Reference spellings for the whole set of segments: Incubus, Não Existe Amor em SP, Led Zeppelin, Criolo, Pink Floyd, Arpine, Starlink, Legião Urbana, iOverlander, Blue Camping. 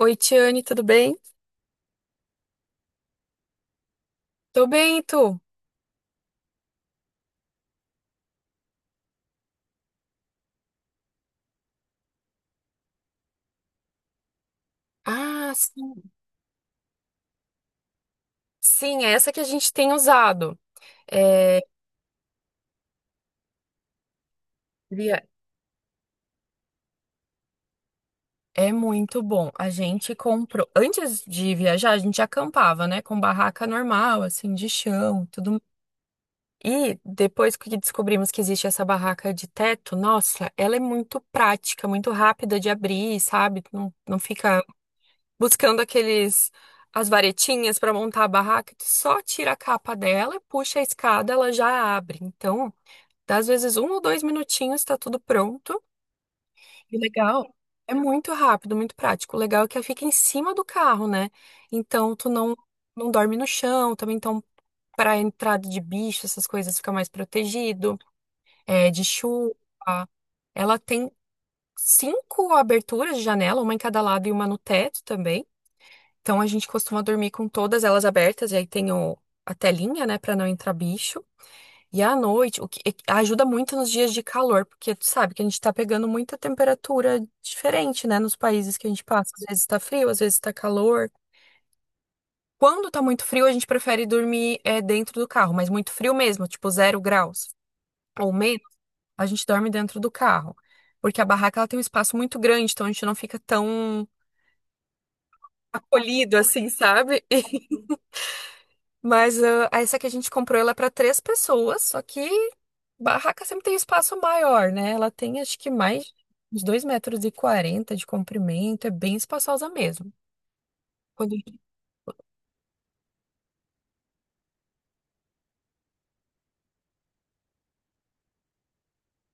Oi, Tiane, tudo bem? Tô bem, e tu? Ah, sim. Sim, é essa que a gente tem usado. É, via- É muito bom. A gente comprou. Antes de viajar, a gente acampava, né? Com barraca normal, assim, de chão, tudo. E depois que descobrimos que existe essa barraca de teto, nossa, ela é muito prática, muito rápida de abrir, sabe? Não, não fica buscando aqueles as varetinhas para montar a barraca. Tu só tira a capa dela e puxa a escada, ela já abre. Então, dá às vezes um ou dois minutinhos, tá tudo pronto. E o legal é muito rápido, muito prático. O legal é que ela fica em cima do carro, né? Então, tu não dorme no chão também. Então, para entrada de bicho, essas coisas, fica mais protegido, é, de chuva. Ela tem cinco aberturas de janela, uma em cada lado e uma no teto também. Então a gente costuma dormir com todas elas abertas, e aí tem a telinha, né, pra não entrar bicho. E à noite, ajuda muito nos dias de calor, porque tu sabe que a gente tá pegando muita temperatura diferente, né, nos países que a gente passa. Às vezes tá frio, às vezes tá calor. Quando tá muito frio, a gente prefere dormir dentro do carro, mas muito frio mesmo, tipo 0 graus ou menos, a gente dorme dentro do carro. Porque a barraca, ela tem um espaço muito grande, então a gente não fica tão acolhido assim, sabe? Mas essa que a gente comprou, ela é para três pessoas, só que barraca sempre tem espaço maior, né? Ela tem, acho que, mais uns 2,40 metros de comprimento, é bem espaçosa mesmo. Quando a gente-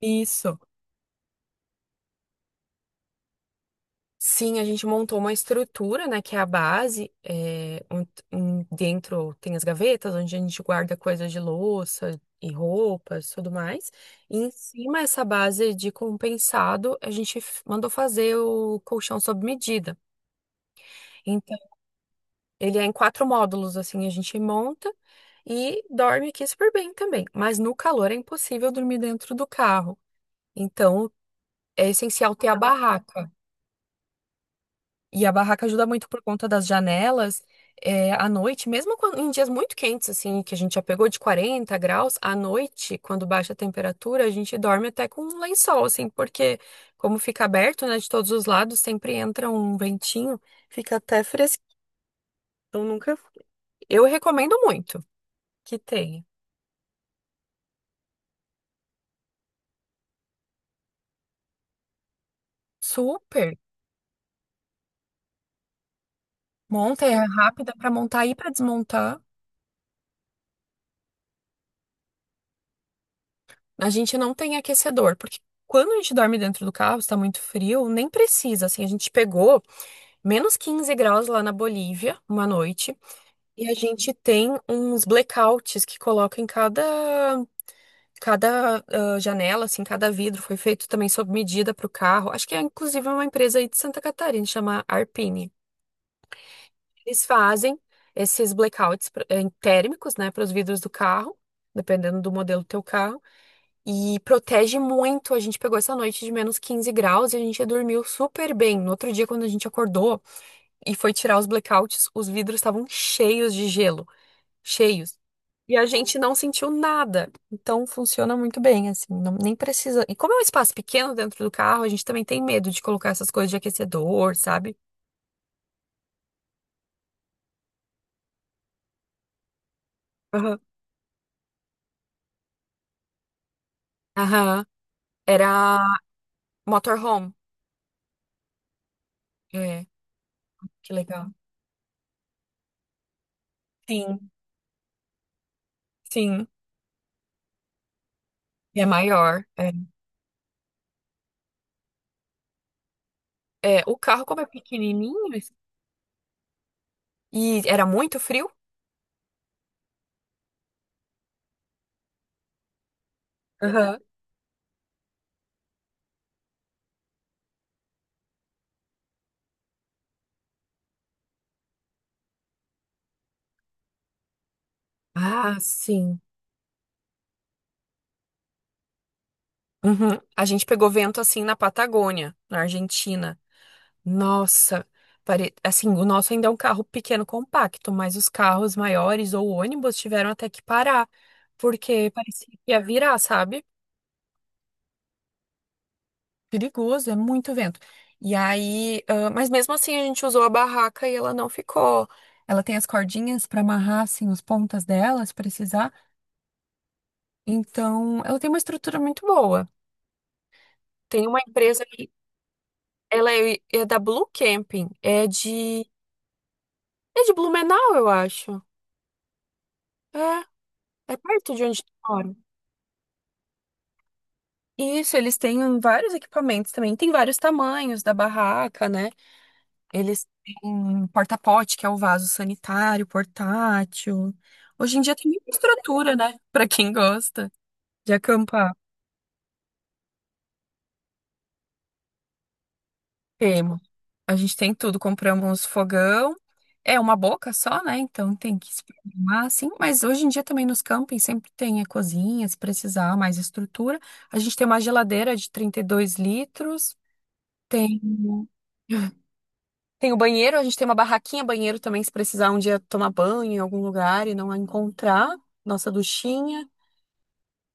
Isso. Sim, a gente montou uma estrutura, né, que é a base, é, dentro tem as gavetas, onde a gente guarda coisas de louça e roupas, tudo mais. E em cima essa base de compensado, a gente mandou fazer o colchão sob medida. Ele é em quatro módulos, assim, a gente monta e dorme aqui super bem também. Mas no calor é impossível dormir dentro do carro. Então, é essencial ter a barraca. E a barraca ajuda muito por conta das janelas. É, à noite, mesmo em dias muito quentes, assim, que a gente já pegou de 40 graus, à noite, quando baixa a temperatura, a gente dorme até com um lençol, assim, porque como fica aberto, né, de todos os lados, sempre entra um ventinho, fica até fresquinho. Então, nunca. Eu recomendo muito que tenha. Super. Monta, é rápida para montar e para desmontar. A gente não tem aquecedor, porque quando a gente dorme dentro do carro, está muito frio, nem precisa. Assim, a gente pegou menos 15 graus lá na Bolívia uma noite, e a gente tem uns blackouts que coloca em cada janela. Assim, cada vidro foi feito também sob medida para o carro. Acho que é inclusive uma empresa aí de Santa Catarina, chama Arpine. Eles fazem esses blackouts térmicos, né, para os vidros do carro, dependendo do modelo do teu carro, e protege muito. A gente pegou essa noite de menos 15 graus e a gente dormiu super bem. No outro dia, quando a gente acordou e foi tirar os blackouts, os vidros estavam cheios de gelo, cheios. E a gente não sentiu nada. Então funciona muito bem, assim, nem precisa. E como é um espaço pequeno dentro do carro, a gente também tem medo de colocar essas coisas de aquecedor, sabe? Aham. Aham. Era motorhome. É, que legal. Sim, sim. E é maior. É. É, o carro, como é pequenininho, e era muito frio? Aham. Ah, sim. Uhum. A gente pegou vento assim na Patagônia, na Argentina. Nossa, assim, o nosso ainda é um carro pequeno, compacto, mas os carros maiores ou ônibus tiveram até que parar, porque parecia que ia virar, sabe? Perigoso, é muito vento. E aí, mas mesmo assim a gente usou a barraca e ela não ficou. Ela tem as cordinhas para amarrar assim as pontas dela, se precisar. Então, ela tem uma estrutura muito boa. Tem uma empresa que ela é da Blue Camping, é de Blumenau, eu acho. É, é perto de onde tu mora. Isso, eles têm vários equipamentos também. Tem vários tamanhos da barraca, né? Eles têm um porta-pote, que é o vaso sanitário, portátil. Hoje em dia tem muita estrutura, né? Pra quem gosta de acampar. Temos. A gente tem tudo. Compramos fogão. É uma boca só, né? Então tem que se programar, assim. Mas hoje em dia também nos campings sempre tem a cozinha, se precisar, mais estrutura. A gente tem uma geladeira de 32 litros. Tem. Tem o banheiro. A gente tem uma barraquinha banheiro também, se precisar um dia tomar banho em algum lugar e não a encontrar. Nossa duchinha.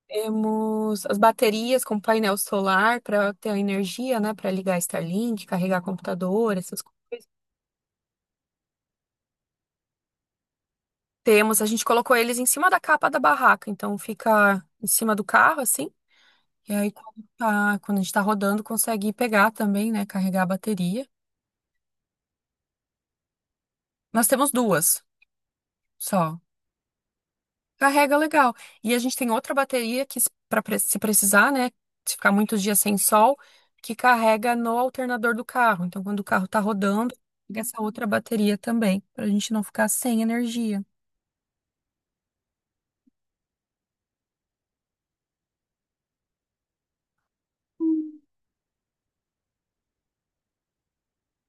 Temos as baterias com painel solar para ter a energia, né? Para ligar Starlink, carregar computador, essas coisas. Temos, a gente colocou eles em cima da capa da barraca, então fica em cima do carro, assim. E aí, quando tá, quando a gente tá rodando, consegue pegar também, né? Carregar a bateria. Nós temos duas só. Carrega legal. E a gente tem outra bateria que, para se precisar, né? Se ficar muitos dias sem sol, que carrega no alternador do carro. Então, quando o carro tá rodando, pega essa outra bateria também, pra gente não ficar sem energia.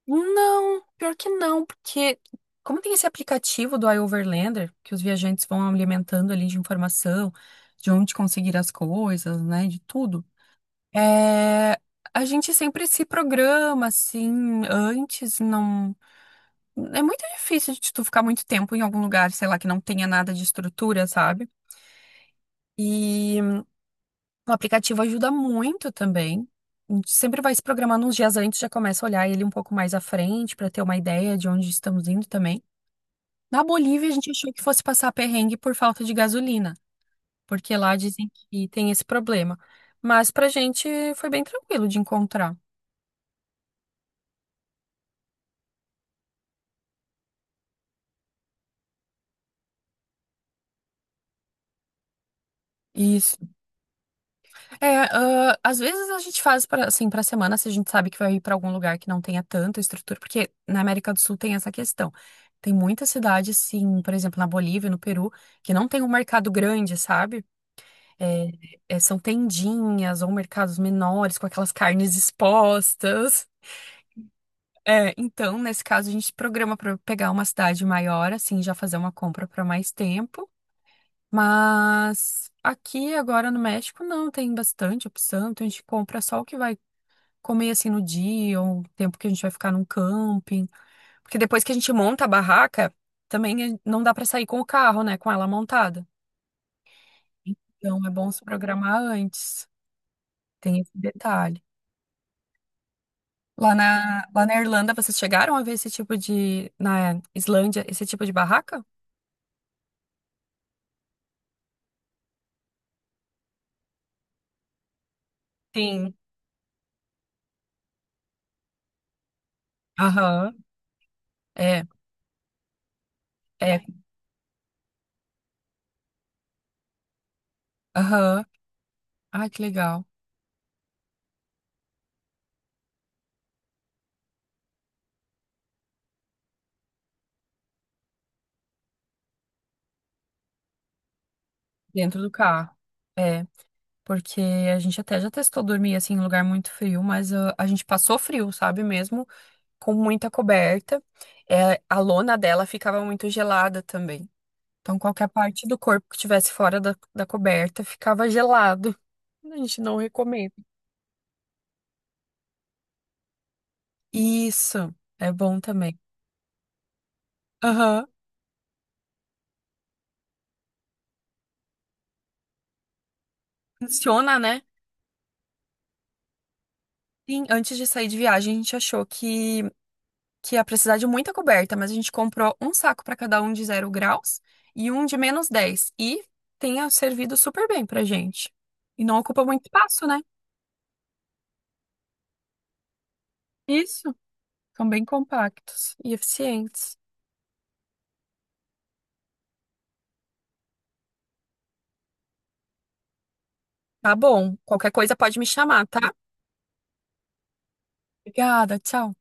Não, pior que não, porque como tem esse aplicativo do iOverlander, que os viajantes vão alimentando ali de informação, de onde conseguir as coisas, né? De tudo. É, a gente sempre se programa, assim, antes, não. É muito difícil de tu ficar muito tempo em algum lugar, sei lá, que não tenha nada de estrutura, sabe? E hum, o aplicativo ajuda muito também. A gente sempre vai se programando uns dias antes, já começa a olhar ele um pouco mais à frente para ter uma ideia de onde estamos indo também. Na Bolívia, a gente achou que fosse passar perrengue por falta de gasolina, porque lá dizem que tem esse problema. Mas pra gente foi bem tranquilo de encontrar. E é, às vezes a gente faz para, assim, para semana, se a gente sabe que vai ir para algum lugar que não tenha tanta estrutura, porque na América do Sul tem essa questão. Tem muitas cidades, sim, por exemplo, na Bolívia, no Peru, que não tem um mercado grande, sabe? É, são tendinhas ou mercados menores com aquelas carnes expostas. É, então, nesse caso, a gente programa para pegar uma cidade maior, assim, já fazer uma compra para mais tempo. Mas aqui agora no México não tem bastante opção, então a gente compra só o que vai comer assim no dia, ou o tempo que a gente vai ficar num camping. Porque depois que a gente monta a barraca, também não dá pra sair com o carro, né? Com ela montada. Então é bom se programar antes. Tem esse detalhe. Lá na Irlanda, vocês chegaram a ver esse tipo de. Na Islândia, esse tipo de barraca? Sim. Aham. É, é. Aham. Ai, que legal. Dentro do carro. É. Porque a gente até já testou dormir assim em lugar muito frio, mas a gente passou frio, sabe mesmo? Com muita coberta. É, a lona dela ficava muito gelada também. Então, qualquer parte do corpo que estivesse fora da coberta ficava gelado. A gente não recomenda. Isso, é bom também. Aham. Funciona, né? Sim, antes de sair de viagem, a gente achou que ia precisar de muita coberta, mas a gente comprou um saco para cada um de 0 graus e um de -10. E tenha servido super bem pra gente. E não ocupa muito espaço, né? Isso. São bem compactos e eficientes. Tá bom. Qualquer coisa pode me chamar, tá? Obrigada, tchau.